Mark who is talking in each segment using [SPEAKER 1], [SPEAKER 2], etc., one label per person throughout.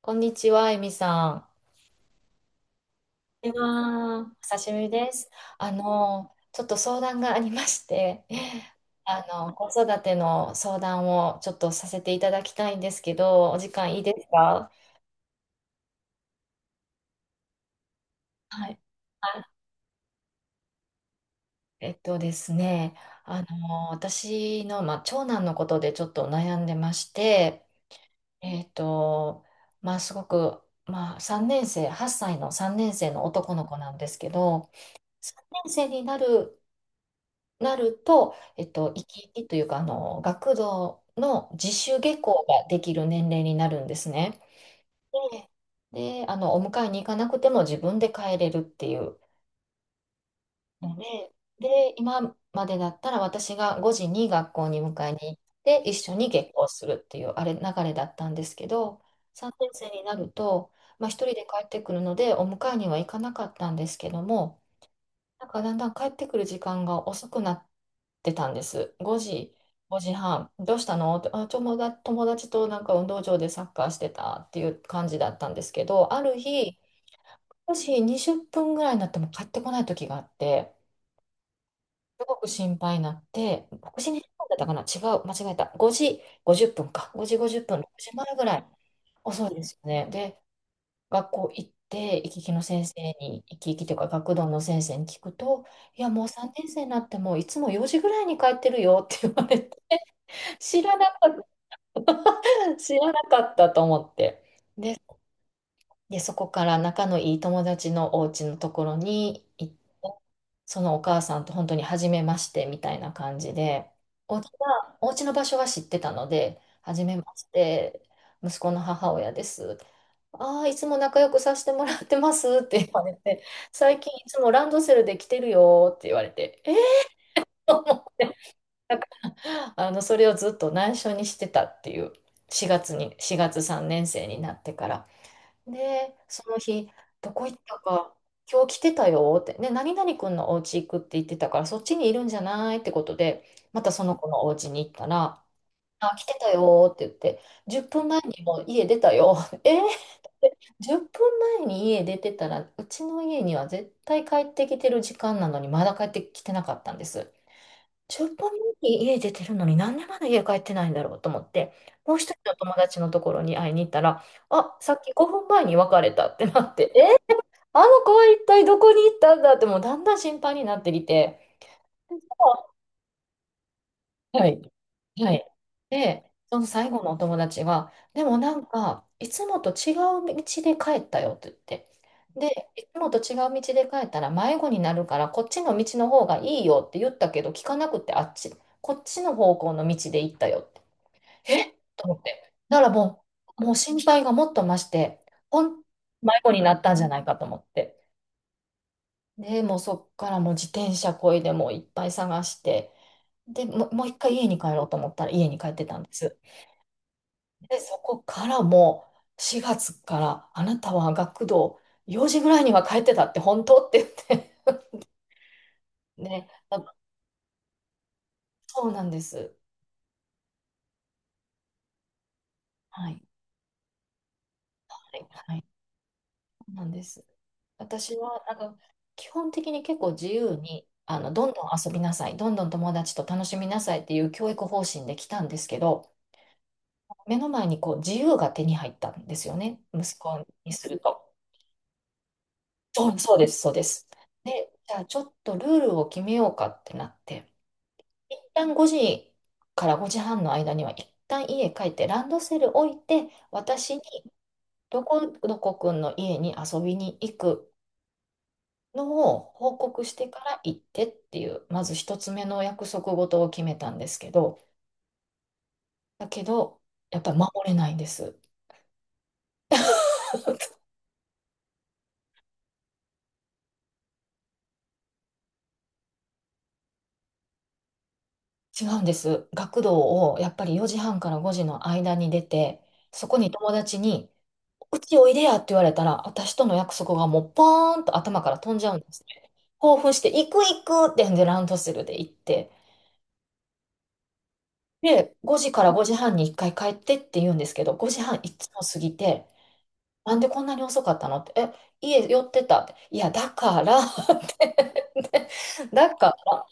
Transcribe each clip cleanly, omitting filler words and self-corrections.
[SPEAKER 1] こんにちは、エミさこんにちはん。お久しぶりです。ちょっと相談がありまして、子育ての相談をちょっとさせていただきたいんですけど、お時間いいですか？はい。あえっとですね、私の、まあ、長男のことでちょっと悩んでまして、えっと、まあ、すごく、まあ、3年生、8歳の3年生の男の子なんですけど、3年生になると、生き生きというか、学童の自主下校ができる年齢になるんですね。で、で、お迎えに行かなくても自分で帰れるっていう。ので、で、今までだったら私が5時に学校に迎えに行って一緒に下校するっていうあれ流れだったんですけど、3年生になると、まあ、一人で帰ってくるのでお迎えには行かなかったんですけども、なんかだんだん帰ってくる時間が遅くなってたんです。5時、5時半。どうしたのって、あ、友達となんか運動場でサッカーしてたっていう感じだったんですけど、ある日、もし20分ぐらいになっても帰ってこない時があって、すごく心配になって、6時に半だったかな、違う、間違えた。5時50分か。5時50分、6時前ぐらい。遅いですよね。で、学校行って、行き来の先生に、行き来というか学童の先生に聞くと、いや、もう3年生になってもいつも4時ぐらいに帰ってるよって言われて、知らなかった。 知らなかったと思って。で、で、そこから仲のいい友達のお家のところに行って、そのお母さんと本当に初めましてみたいな感じで、お家の場所は知ってたので、初めまして、息子の母親です。ああ、いつも仲良くさせてもらってますって言われて、最近いつもランドセルで来てるよって言われて、え。 それをずっと内緒にしてたっていう、4月3年生になってから。で、その日、どこ行ったか、今日来てたよって、ね、何々くんのお家行くって言ってたから、そっちにいるんじゃないってことで、またその子のお家に行ったら、あ、来てたよって言って、10分前にもう家出たよ。えー、10分前に家出てたら、うちの家には絶対帰ってきてる時間なのに、まだ帰ってきてなかったんです。10分前に家出てるのに、なんでまだ家帰ってないんだろうと思って、もう一人の友達のところに会いに行ったら、あ、さっき5分前に別れたってなって、え、あの子は一体どこに行ったんだって、もうだんだん心配になってきて、はい。はい。で、その最後のお友達は、でもなんか、いつもと違う道で帰ったよって言って。で、いつもと違う道で帰ったら迷子になるから、こっちの道の方がいいよって言ったけど、聞かなくて、あっち、こっちの方向の道で行ったよって。えっと思って。だからもう心配がもっと増して、ほん、迷子になったんじゃないかと思って。で、もうそっからもう自転車こいでもういっぱい探して、で、もう一回家に帰ろうと思ったら家に帰ってたんです。で、そこからもう4月からあなたは学童4時ぐらいには帰ってたって本当って言って、 ね、あ、そうなんです。はい。はい。はい。そうなんです。私はなんか基本的に結構自由にどんどん遊びなさい、どんどん友達と楽しみなさいっていう教育方針で来たんですけど、目の前にこう自由が手に入ったんですよね、息子にすると。そう、そうです、そうです。で、じゃあちょっとルールを決めようかってなって、一旦5時から5時半の間には一旦家帰ってランドセル置いて、私にどこどこくんの家に遊びに行くのを報告してから行ってっていう、まず一つ目の約束事を決めたんですけど、だけど、やっぱり守れないんです。違うんです。学童をやっぱり4時半から5時の間に出て、そこに友達にうちおいでやって言われたら、私との約束がもうポーンと頭から飛んじゃうんですね。興奮して、行く行くってんでランドセルで行って、で、5時から5時半に1回帰ってって言うんですけど、5時半いつも過ぎて、なんでこんなに遅かったのって、え、家寄ってたって、いや、てでだから、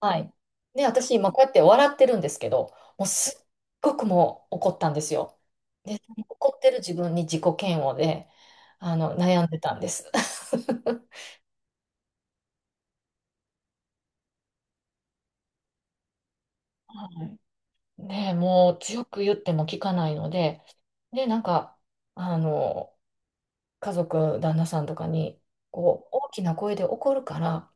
[SPEAKER 1] はい。で、私、今こうやって笑ってるんですけど、もうすっごくもう怒ったんですよ。で、怒ってる自分に自己嫌悪で、悩んでたんです。はい、ねえ。 もう強く言っても聞かないので、で、なんか、あの、家族、旦那さんとかに、こう、大きな声で怒るから、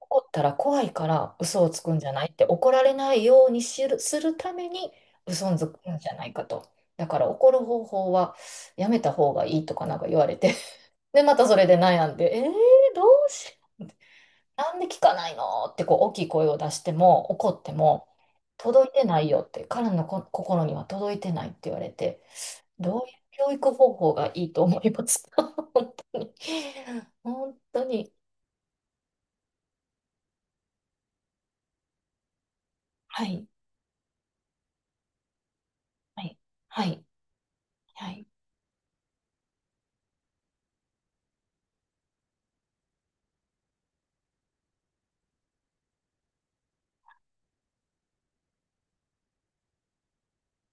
[SPEAKER 1] 怒ったら怖いから嘘をつくんじゃないって、怒られないようにするために嘘をつくんじゃないかと。だから怒る方法はやめた方がいいとかなんか言われて、 でまたそれで悩んで、「えー、どうしなんで聞かないの？」ってこう大きい声を出しても怒っても「届いてないよ」って、彼の心には届いてないって言われて、どういう教育方法がいいと思いますか。 本当に。 本当にはいはいはいはい、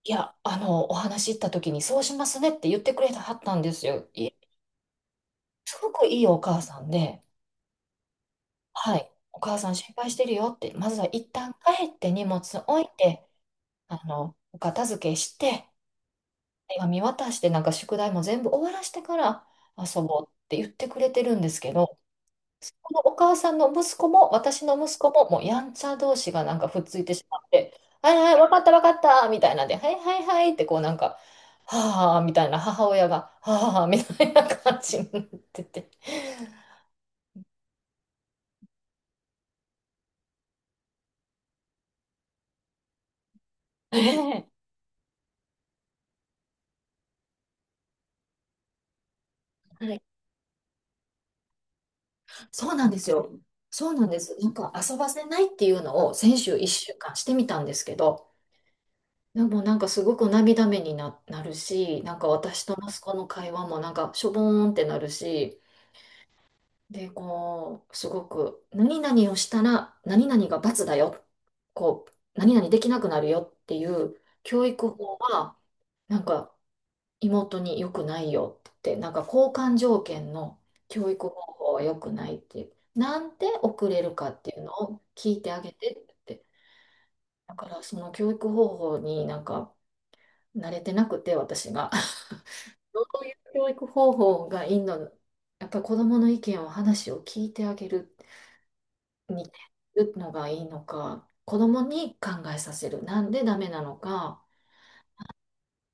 [SPEAKER 1] いや、お話し行った時に、そうしますねって言ってくれたはったんですよ。すごくいいお母さんで、はい、お母さん心配してるよって、まずは一旦帰って荷物置いて、お片付けして、手紙渡して、なんか宿題も全部終わらしてから遊ぼうって言ってくれてるんですけど、そこのお母さんの息子も、私の息子も、もうやんちゃ同士がなんかふっついてしまって、はいはい、わかったわかったみたいなんで、はいはいはいって、こうなんか、はあみたいな、母親が、はあみたいな感じになってて。ねえ、はい、そうなんですよ。そうなんです。なんか遊ばせないっていうのを先週1週間してみたんですけど、でもなんかすごく涙目になるし、なんか私と息子の会話もなんかしょぼーんってなるし、で、こう、すごく、何々をしたら、何々が罰だよ。こう、何々できなくなるよっていう教育法は、なんか、妹に良くないよって、なんか交換条件の教育方法は良くないって、なんで遅れるかっていうのを聞いてあげてって。だから、その教育方法になんか、慣れてなくて、私が。そういう教育方法がいいの、やっぱり子供の意見を話を聞いてあげる。にるのがいいのか、子供に考えさせる。なんでダメなのか。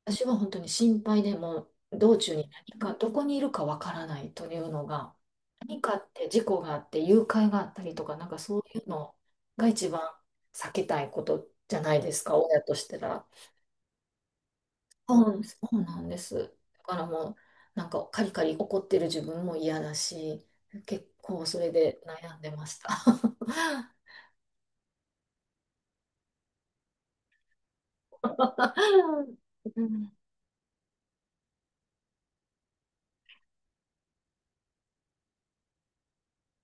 [SPEAKER 1] 私は本当に心配でもう道中に何か、どこにいるかわからないというのが、何かあって事故があって誘拐があったりとか、なんかそういうのが一番避けたいことじゃないですか、親としてら。そうそうなんです。だからもう、なんかカリカリ怒ってる自分も嫌だし、結構それで悩んでました。うん。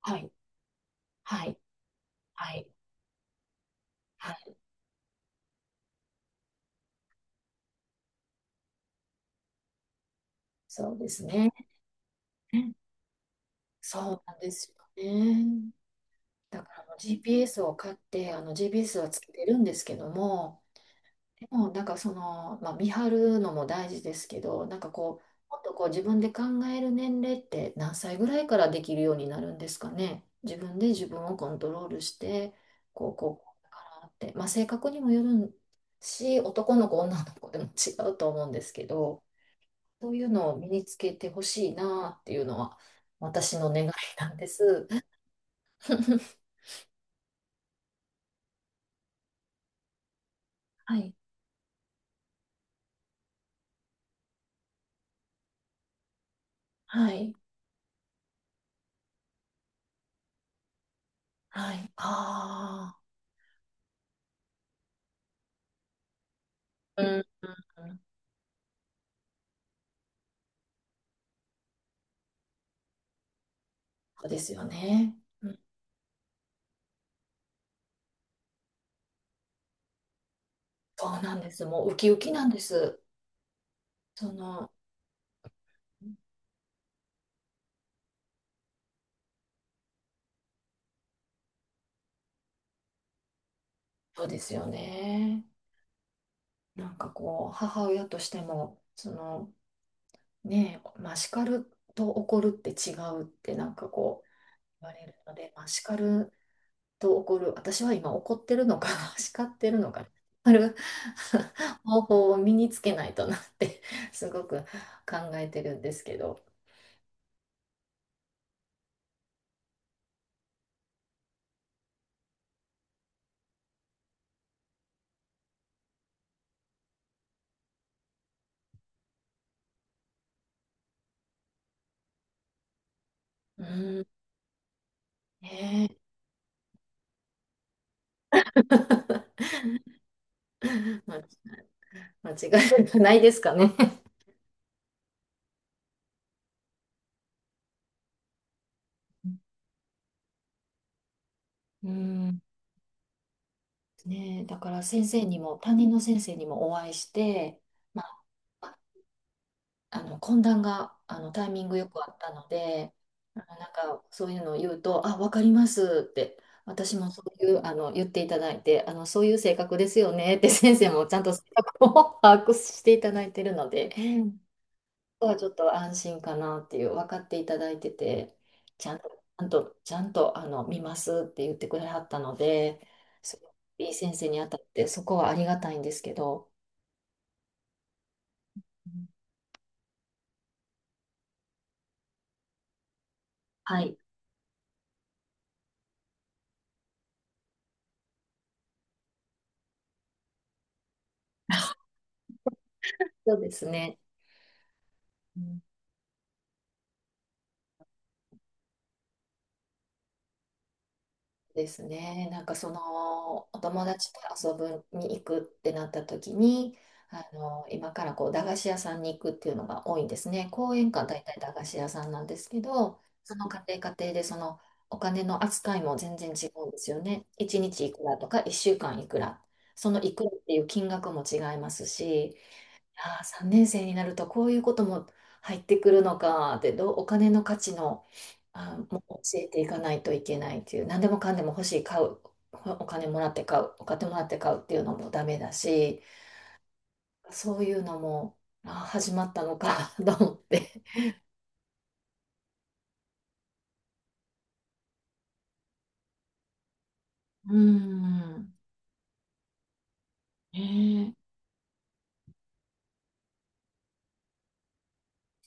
[SPEAKER 1] はい、はい、はい、はい。そうですね。そうなんですよね。だからあの GPS を買って、あの GPS はつけてるんですけども、でもなんかその、まあ、見張るのも大事ですけど、なんかこう、もっとこう自分で考える年齢って何歳ぐらいからできるようになるんですかね。自分で自分をコントロールして、こう、こう、こうだからって、まあ、性格にもよるし、男の子、女の子でも違うと思うんですけど、そういうのを身につけてほしいなっていうのは私の願いなんです。はい。はい。はい。ああ。うん。うん。そうですよね。うん。そうなんです。もうウキウキなんです。その、そうですよね。なんかこう、母親としても、その、ねえ、まあ、叱ると怒るって違うってなんかこう、言われるので、まあ、叱ると怒る。私は今怒ってるのかな、叱ってるのかな。ある 方法を身につけないとなって すごく考えてるんですけど。うん、ねえ。 ま間違いがないですかね。うん、ねえ、だから先生にも、担任の先生にもお会いして、まあ、あの懇談があのタイミングよくあったので、あのなんかそういうのを言うと、あ、わかりますって、私もそういうあの言っていただいて、あのそういう性格ですよねって 先生もちゃんと性格を 把握していただいてるので、うん、ここはちょっと安心かなっていう、分かっていただいてて、ちゃんと、ちゃんと、ちゃんとあの見ますって言ってくれはったので、すごいいい先生に当たって、そこはありがたいんですけど、うん。はい、そうですね。うん、ですね。なんかそのお友達と遊ぶに行くってなった時に、あの今からこう駄菓子屋さんに行くっていうのが多いんですね。公園か大体駄菓子屋さんなんですけど、その家庭家庭でそのお金の扱いも全然違うんですよね。1日いくらとか1週間いくら、そのいくらっていう金額も違いますし、やー、3年生になるとこういうことも入ってくるのかで、どうお金の価値の、あ、もう教えていかないといけないっていう、何でもかんでも欲しい買う、お金もらって買うお金もらって買うっていうのもダメだし、そういうのもあー始まったのか と思って。うーん、ねえ。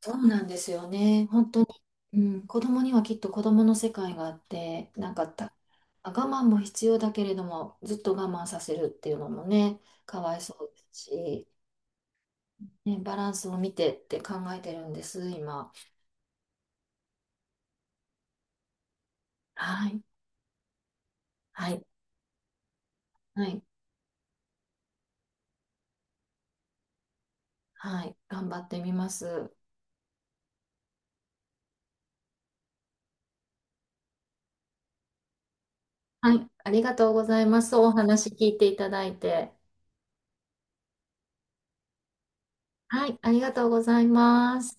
[SPEAKER 1] そうなんですよね。本当に。うん、子供にはきっと子供の世界があって、なんかた、あ我慢も必要だけれども、ずっと我慢させるっていうのもね、かわいそうですし、ね、バランスを見てって考えてるんです、今。はい。はい。はい。はい、頑張ってみます。はい。ありがとうございます。お話聞いていただいて。はい。ありがとうございます。